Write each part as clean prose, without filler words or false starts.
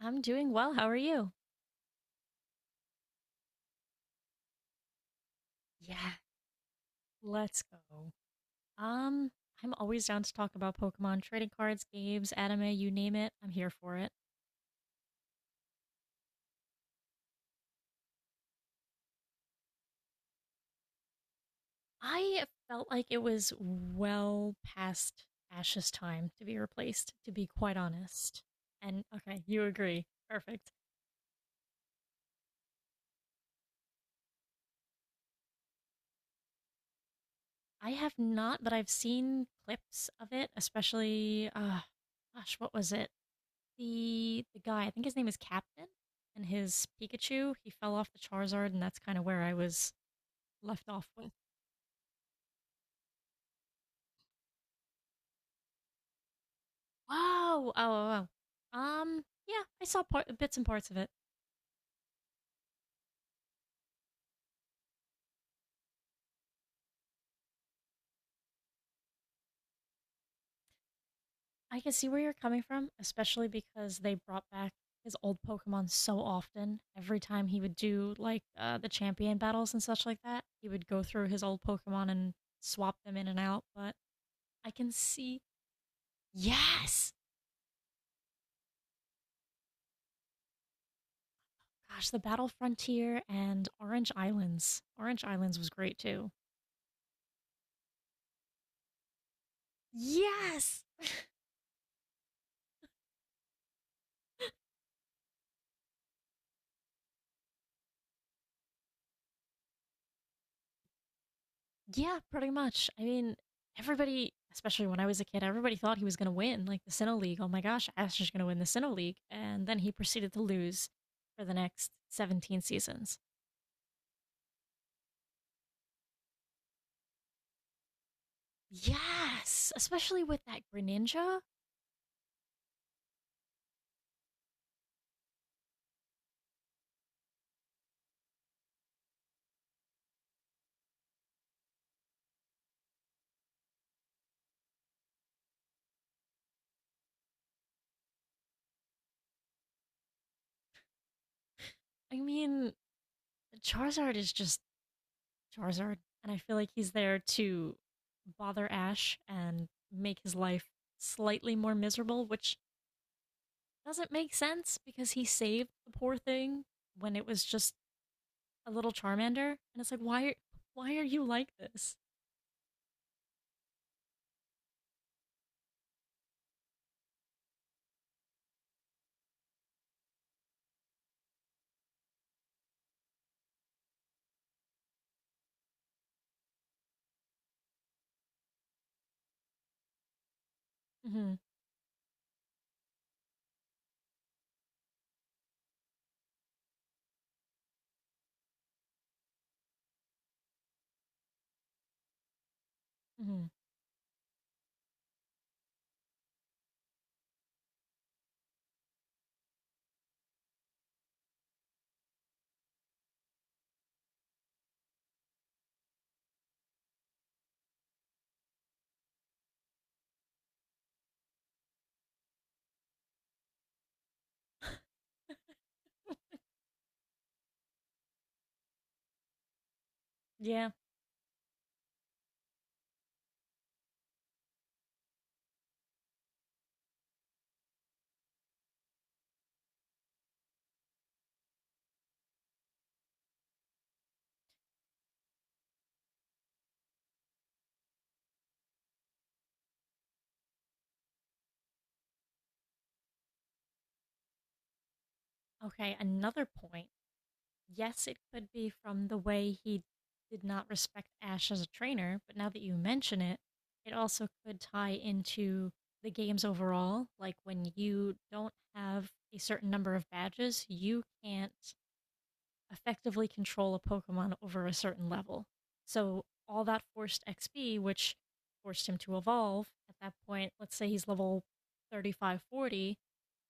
I'm doing well. How are you? Yeah. Let's go. Um, I'm always down to talk about Pokemon, trading cards, games, anime, you name it. I'm here for it. I felt like it was well past Ash's time to be replaced, to be quite honest. And okay, you agree. Perfect. I have not, but I've seen clips of it, especially gosh, what was it? The guy, I think his name is Captain, and his Pikachu, he fell off the Charizard, and that's kind of where I was left off with. Wow. Oh, oh, oh. Yeah, I saw part, bits and parts of it. I can see where you're coming from, especially because they brought back his old Pokemon so often. Every time he would do like the champion battles and such like that, he would go through his old Pokemon and swap them in and out. But I can see, yes, gosh, the Battle Frontier and Orange Islands. Orange Islands was great too. Yes, yeah, pretty much. I mean, everybody, especially when I was a kid, everybody thought he was going to win, like the Sinnoh League. Oh my gosh, Ash is going to win the Sinnoh League. And then he proceeded to lose for the next 17 seasons. Yes, especially with that Greninja. I mean, Charizard is just Charizard. And I feel like he's there to bother Ash and make his life slightly more miserable, which doesn't make sense because he saved the poor thing when it was just a little Charmander, and it's like, why are you like this? Hmm. Hmm. Yeah. Okay. Another point. Yes, it could be from the way he did not respect Ash as a trainer, but now that you mention it, it also could tie into the games overall. Like when you don't have a certain number of badges, you can't effectively control a Pokemon over a certain level. So all that forced XP, which forced him to evolve at that point, let's say he's level 35, 40.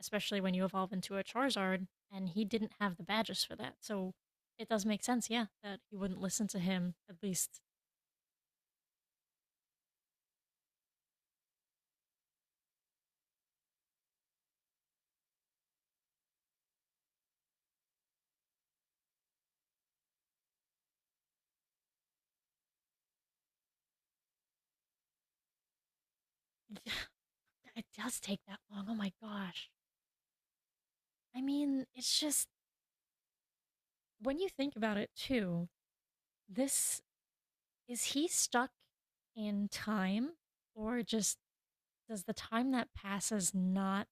Especially when you evolve into a Charizard, and he didn't have the badges for that. So it does make sense, yeah, that he wouldn't listen to him, at least. Yeah, it does take that long. Oh my gosh. I mean, it's just, when you think about it too, this, is he stuck in time, or just, does the time that passes, not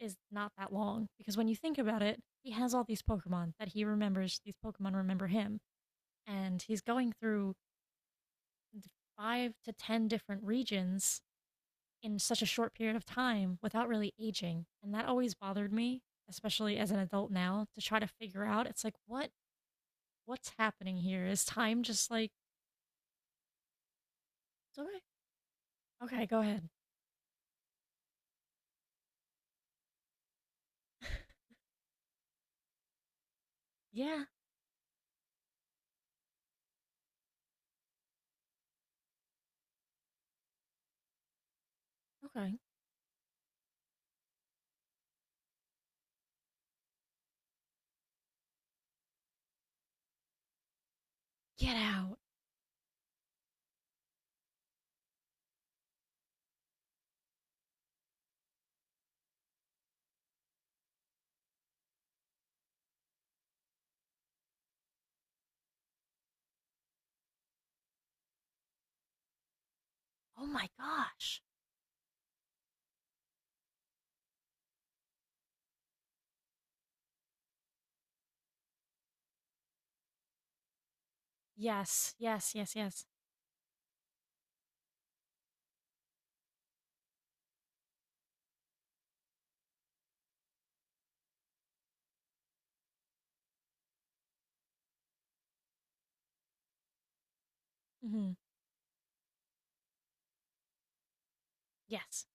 is not that long, because when you think about it, he has all these pokemon that he remembers, these pokemon remember him, and he's going through five to ten different regions in such a short period of time without really aging, and that always bothered me, especially as an adult now, to try to figure out. It's like, what, what's happening here, is time just like... It's okay. Okay, go ahead. Yeah. Okay. Get out. Oh my gosh. Yes, yes, yes, yes. Hmm. Yes.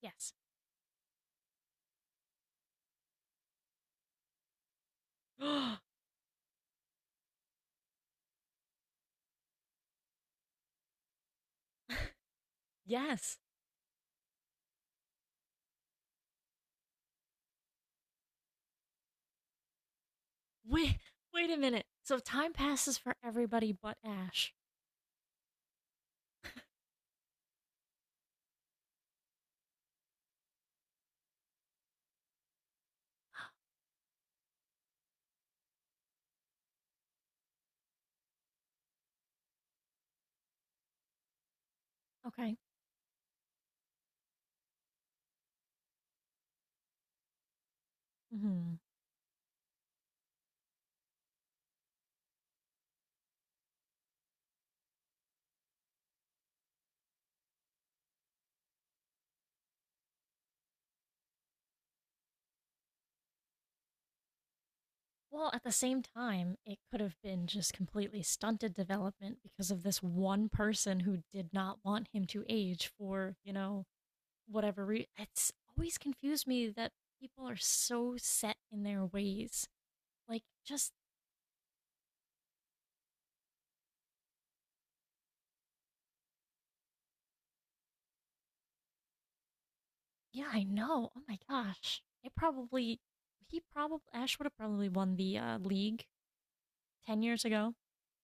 Yes. Yes. Wait. Wait a minute. So time passes for everybody but Ash. Okay. Hmm. Well, at the same time, it could have been just completely stunted development because of this one person who did not want him to age for whatever reason. It's always confused me that people are so set in their ways. Like, just yeah, I know. Oh my gosh, it probably he probably Ash would have probably won the league 10 years ago.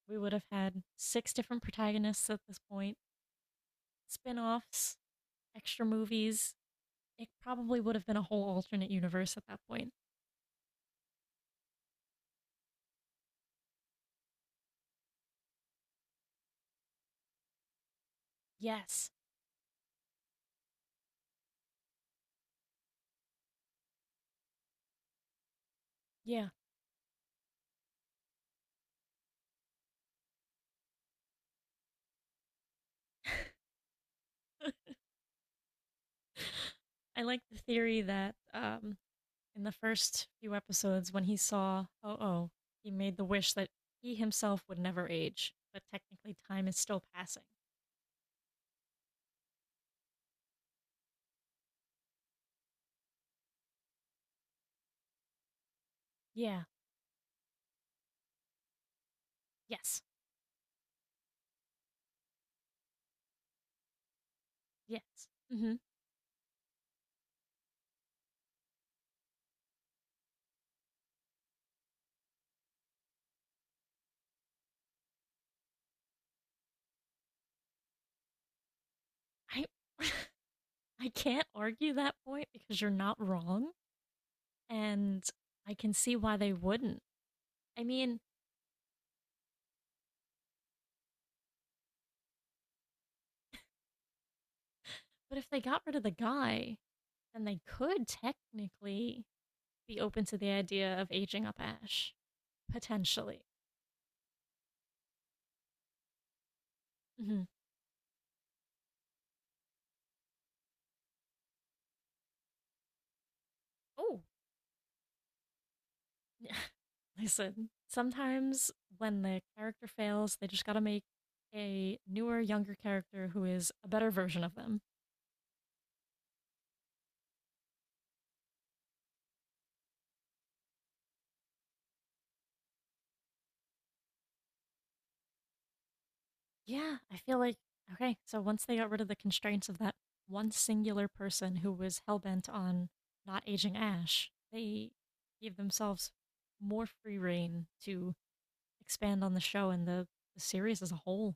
We would have had six different protagonists at this point, spin offs, extra movies. It probably would have been a whole alternate universe at that point. Yes. Yeah. I like the theory that in the first few episodes, when he saw Oh Oh, he made the wish that he himself would never age, but technically time is still passing. Yeah. Yes. Yes. Hmm. I I can't argue that point because you're not wrong. And I can see why they wouldn't. I mean, but if they got rid of the guy, then they could technically be open to the idea of aging up Ash, potentially. Hmm. Oh. Listen, sometimes when the character fails, they just gotta make a newer, younger character who is a better version of them. Yeah, I feel like, okay, so once they got rid of the constraints of that one singular person who was hell-bent on not aging Ash, they gave themselves more free reign to expand on the show and the series as a whole.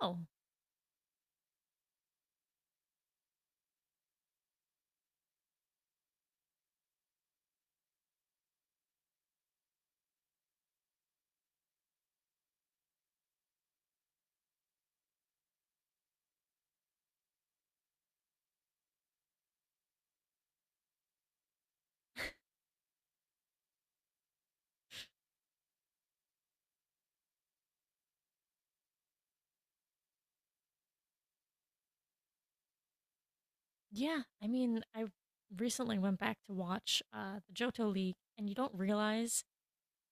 Oh, yeah. I mean, I recently went back to watch the Johto League, and you don't realize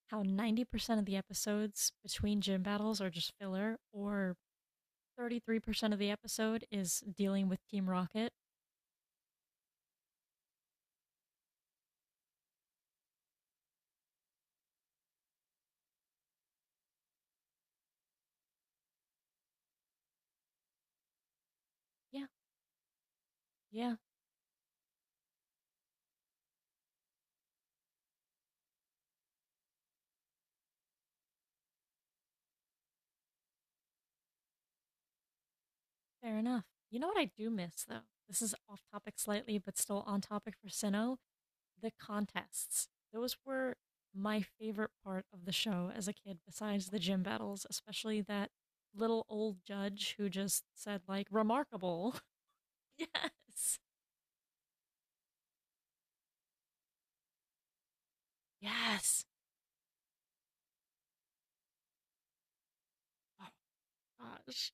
how 90% of the episodes between gym battles are just filler, or 33% of the episode is dealing with Team Rocket. Yeah, yeah. Fair enough. You know what I do miss though? This is off topic slightly, but still on topic for Sinnoh. The contests. Those were my favorite part of the show as a kid, besides the gym battles, especially that little old judge who just said like remarkable. Yes. Yes. Oh gosh.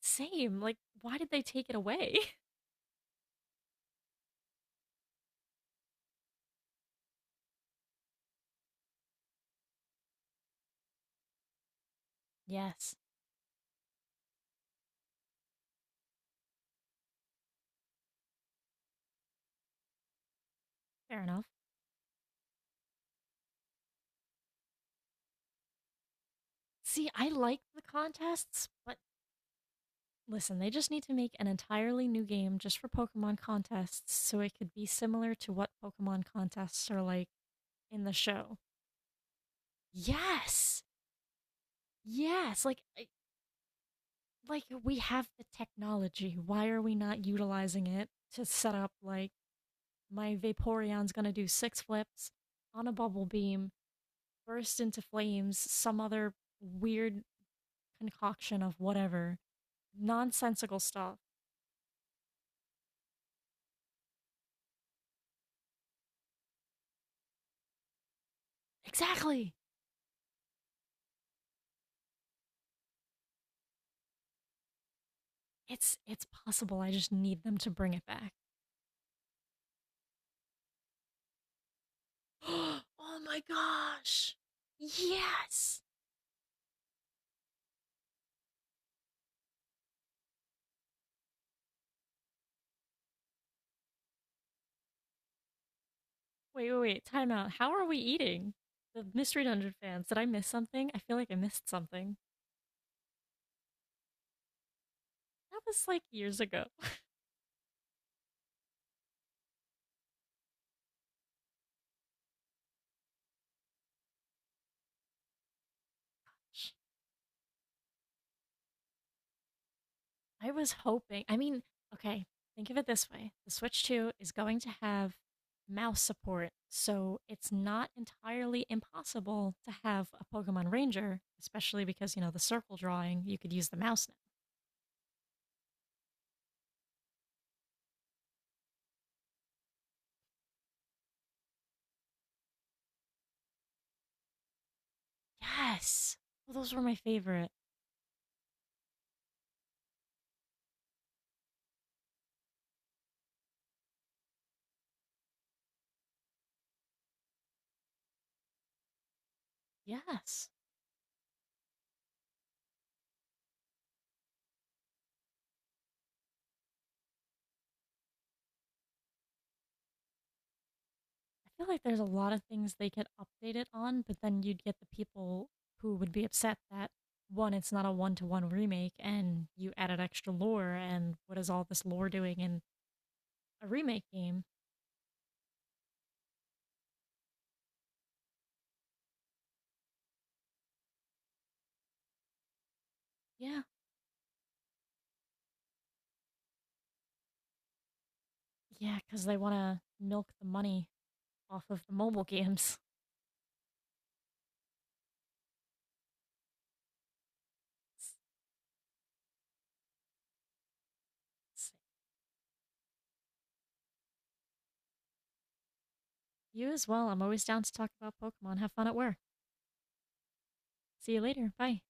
Same. Like, why did they take it away? Yes. Fair enough. See, I liked the contests, but listen, they just need to make an entirely new game just for Pokemon contests so it could be similar to what Pokemon contests are like in the show. Yes. Yes, like we have the technology. Why are we not utilizing it to set up like my Vaporeon's going to do six flips on a bubble beam, burst into flames, some other weird concoction of whatever, nonsensical stuff. Exactly. It's possible. I just need them to bring it back. Oh my gosh. Yes. Wait, wait, wait. Time out. How are we eating? The Mystery Dungeon fans, did I miss something? I feel like I missed something. That was like years ago. I was hoping. I mean, okay, think of it this way, the Switch 2 is going to have mouse support, so it's not entirely impossible to have a Pokemon Ranger, especially because, you know, the circle drawing, you could use the mouse now. Yes. Well, those were my favorite. Yes. I feel like there's a lot of things they could update it on, but then you'd get the people who would be upset that, one, it's not a one to one remake, and you added extra lore, and what is all this lore doing in a remake game? Yeah, yeah, because they want to milk the money off of the mobile games. You as well. I'm always down to talk about Pokemon. Have fun at work. See you later. Bye.